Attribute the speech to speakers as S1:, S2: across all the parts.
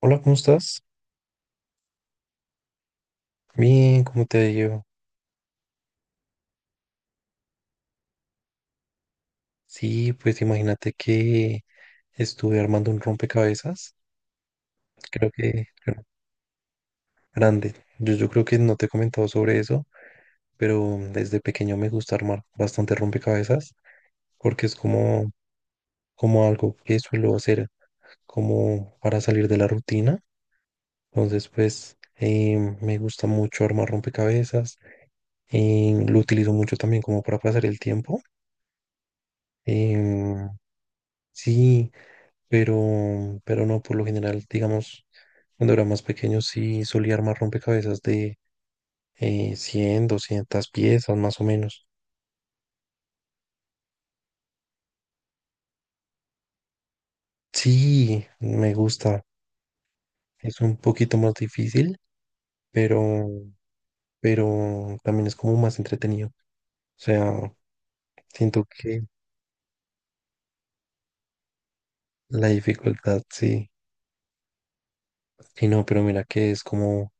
S1: Hola, ¿cómo estás? Bien, ¿cómo te ha ido? Sí, pues imagínate que estuve armando un rompecabezas, creo que creo- grande. Yo creo que no te he comentado sobre eso, pero desde pequeño me gusta armar bastante rompecabezas porque es como algo que suelo hacer como para salir de la rutina. Entonces, pues me gusta mucho armar rompecabezas, lo utilizo mucho también como para pasar el tiempo. Em, sí. pero, pero no, por lo general, digamos, cuando era más pequeño sí solía armar rompecabezas de 100, 200 piezas más o menos. Sí, me gusta, es un poquito más difícil, pero, pero también es como más entretenido. O sea, siento que la dificultad sí, sí no, pero mira que es como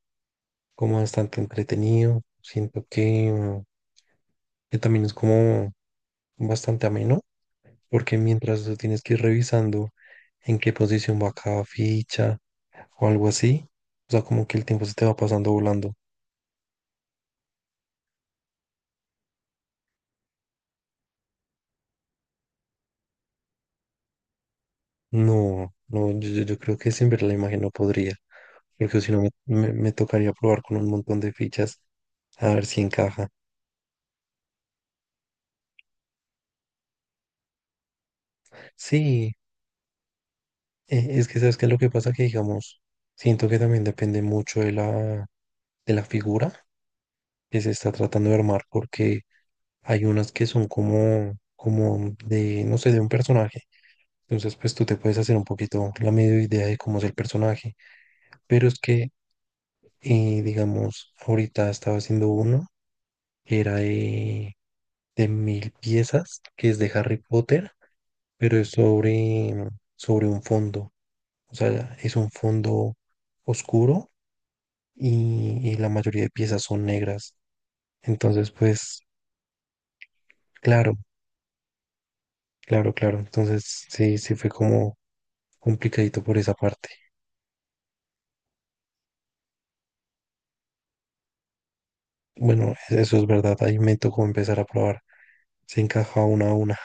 S1: como bastante entretenido. Siento que también es como bastante ameno, porque mientras tú tienes que ir revisando en qué posición va cada ficha o algo así, o sea, como que el tiempo se te va pasando volando. No, no, yo creo que sin ver la imagen no podría, porque si no me tocaría probar con un montón de fichas a ver si encaja. Sí. Es que sabes que lo que pasa que digamos, siento que también depende mucho de la figura que se está tratando de armar, porque hay unas que son como de, no sé, de un personaje. Entonces, pues tú te puedes hacer un poquito la medio idea de cómo es el personaje. Pero es que, digamos, ahorita estaba haciendo uno que era de 1.000 piezas, que es de Harry Potter, pero es sobre un fondo. O sea, es un fondo oscuro y la mayoría de piezas son negras. Entonces, pues, claro, claro, claro. Entonces, sí, sí fue como complicadito por esa parte. Bueno, eso es verdad. Ahí me tocó empezar a probar. Se encaja una a una.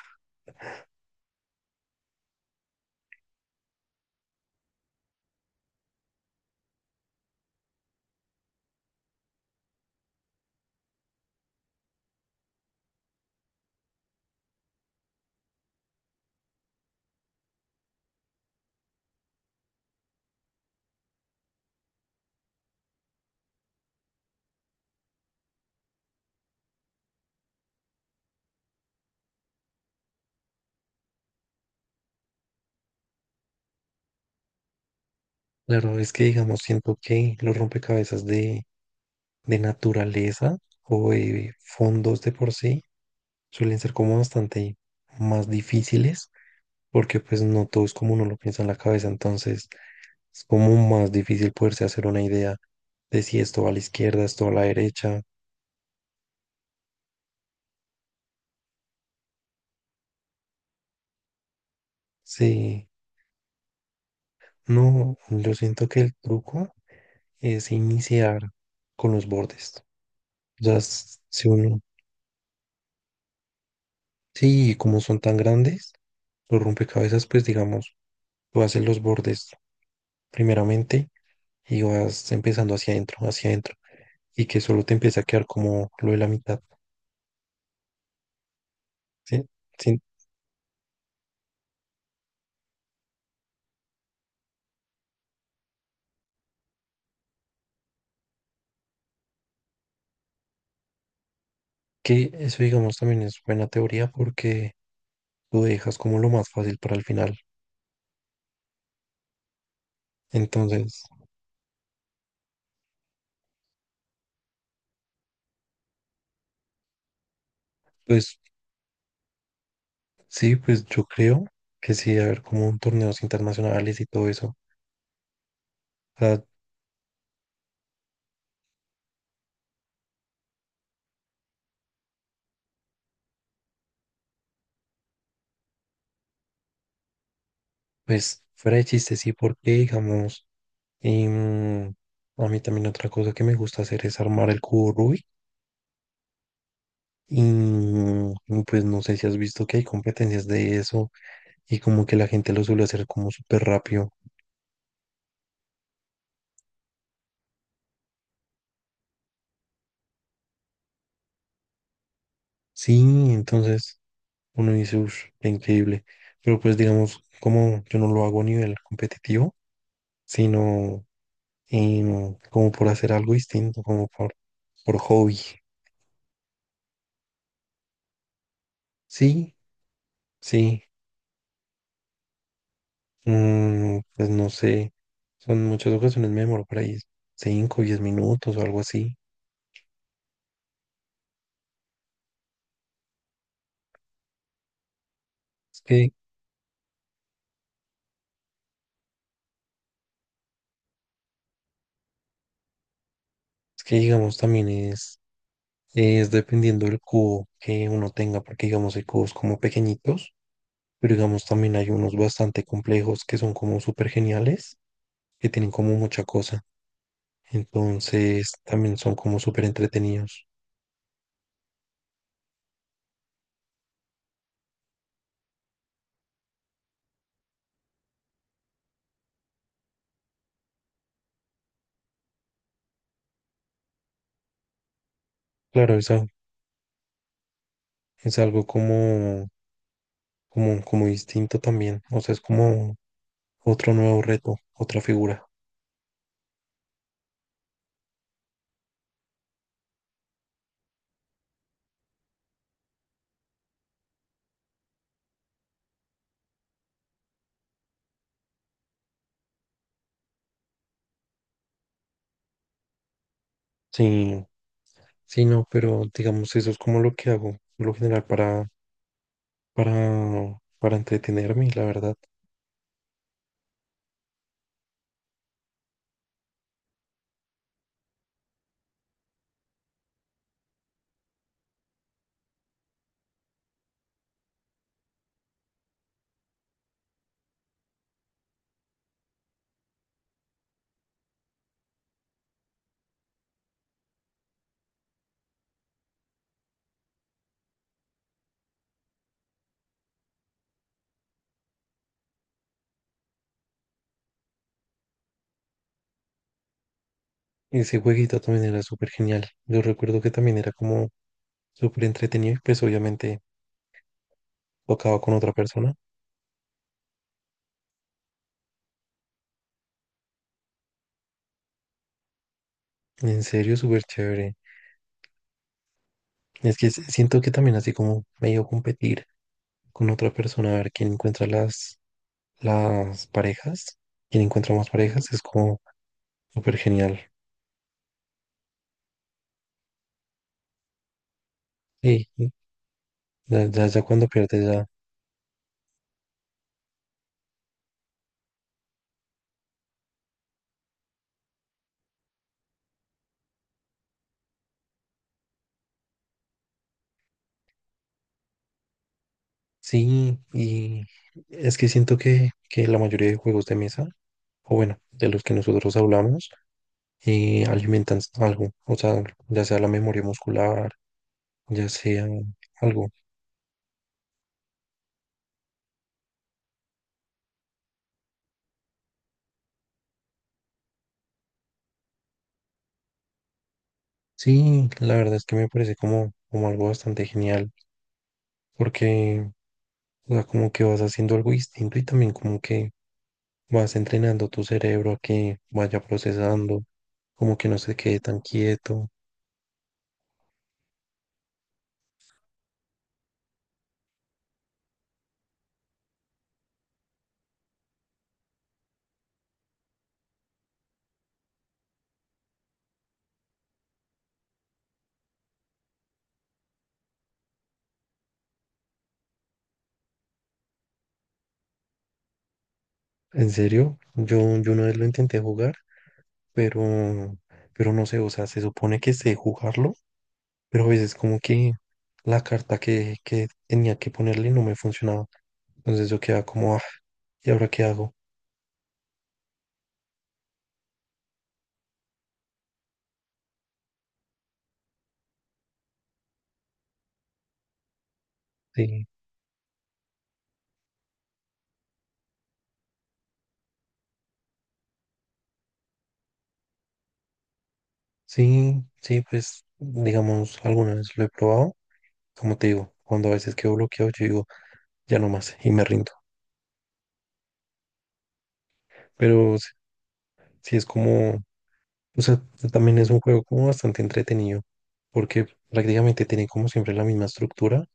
S1: Claro, es que, digamos, siento que los rompecabezas de naturaleza o de fondos de por sí suelen ser como bastante más difíciles porque pues no todo es como uno lo piensa en la cabeza. Entonces... es como más difícil poderse hacer una idea de si esto va a la izquierda, esto va a la derecha. Sí, no, yo siento que el truco es iniciar con los bordes. O sea, si uno, sí, como son tan grandes, los rompecabezas, pues digamos, tú haces los bordes primeramente y vas empezando hacia adentro, y que solo te empieza a quedar como lo de la mitad, ¿sí? Sí, que eso, digamos, también es buena teoría porque tú dejas como lo más fácil para el final. Entonces, pues sí, pues yo creo que sí, debe haber como un torneos internacionales y todo eso. O sea, pues fuera de chiste, sí, porque digamos, em, a mí también otra cosa que me gusta hacer es armar el cubo Rubik. Y pues no sé si has visto que hay competencias de eso y como que la gente lo suele hacer como súper rápido. Sí, entonces uno dice, uff, increíble. Pero pues digamos, como yo no lo hago a nivel competitivo, sino como por hacer algo distinto, como por hobby. Sí, sí, pues no sé, son muchas ocasiones me demoro por ahí 5, 10 minutos o algo así. Es que, es que digamos también es dependiendo del cubo que uno tenga, porque digamos hay cubos como pequeñitos, pero digamos también hay unos bastante complejos que son como súper geniales, que tienen como mucha cosa. Entonces también son como súper entretenidos. Claro, es algo como distinto también. O sea, es como otro nuevo reto, otra figura. Sí, sí, no, pero digamos, eso es como lo que hago, por lo general, para entretenerme, la verdad. Ese jueguito también era súper genial. Yo recuerdo que también era como súper entretenido y pues obviamente tocaba con otra persona. En serio, súper chévere. Es que siento que también así como medio competir con otra persona a ver quién encuentra las parejas, quién encuentra más parejas, es como súper genial. Sí, sí, ya, ya, ya cuando pierdes ya. Sí, y es que siento que la mayoría de juegos de mesa, o bueno, de los que nosotros hablamos, alimentan algo. O sea, ya sea la memoria muscular, ya sea algo. Sí, la verdad es que me parece como, como algo bastante genial, porque, o sea, como que vas haciendo algo distinto y también como que vas entrenando tu cerebro a que vaya procesando, como que no se quede tan quieto. En serio, yo una vez lo intenté jugar, pero, pero no sé, o sea, se supone que sé jugarlo, pero a veces como que la carta que tenía que ponerle no me funcionaba. Entonces yo quedaba como, ah, ¿y ahora qué hago? Sí, sí, sí, pues digamos, alguna vez lo he probado, como te digo, cuando a veces quedo bloqueado, yo digo, ya no más, y me rindo. Pero sí es como, o sea, también es un juego como bastante entretenido, porque prácticamente tiene como siempre la misma estructura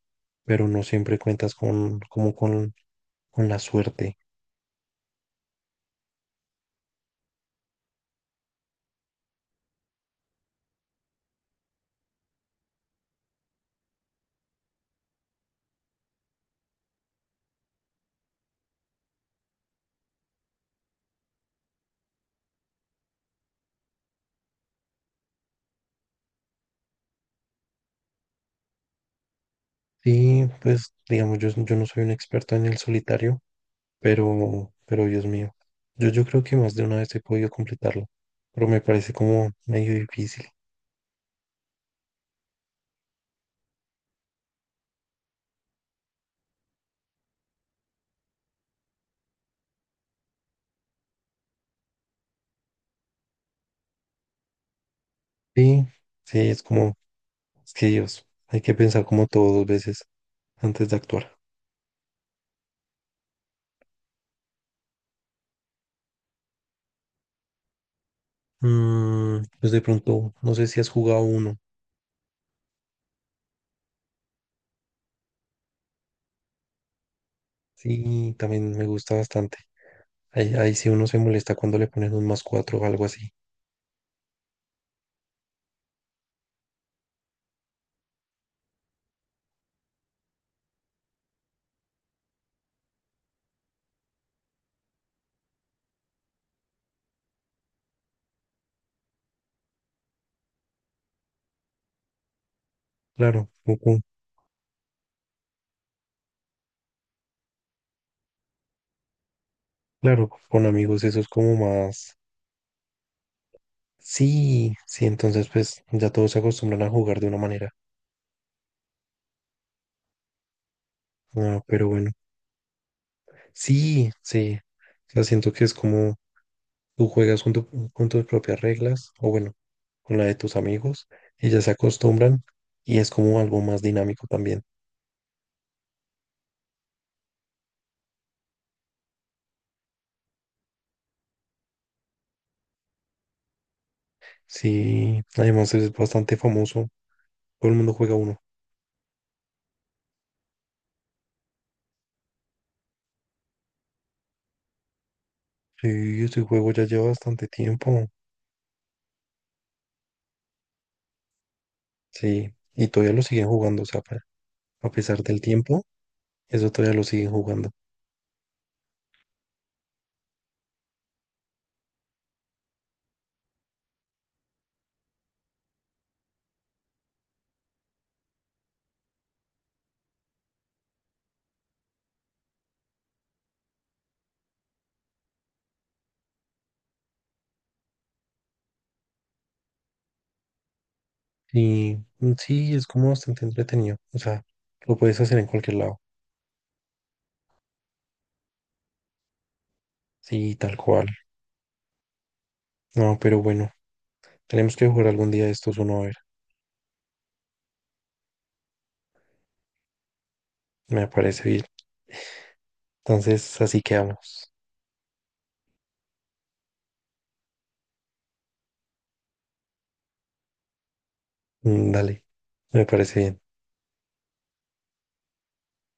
S1: pero no siempre cuentas con, como con la suerte. Sí, pues digamos, yo no soy un experto en el solitario, pero Dios mío, yo creo que más de una vez he podido completarlo, pero me parece como medio difícil. Sí, sí, es como, es que Dios, hay que pensar como todo 2 veces antes de actuar. Mm, pues de pronto, no sé si has jugado uno. Sí, también me gusta bastante. Ahí sí uno se molesta cuando le ponen un más cuatro o algo así. Claro, claro, con amigos eso es como más... Sí, sí, entonces pues ya todos se acostumbran a jugar de una manera. Ah, pero bueno, sí, sí. O sea, siento que es como tú juegas con, con tus propias reglas, o bueno, con la de tus amigos, y ya se acostumbran y es como algo más dinámico también. Sí, además es bastante famoso, todo el mundo juega uno. Sí, este juego ya lleva bastante tiempo. Sí, y todavía lo siguen jugando, o sea, a pesar del tiempo, eso todavía lo siguen jugando. Y sí, es como bastante entretenido. O sea, lo puedes hacer en cualquier lado. Sí, tal cual. No, pero bueno, tenemos que jugar algún día de estos uno a ver. Me parece bien. Entonces, así quedamos. Mm, dale, me parece bien.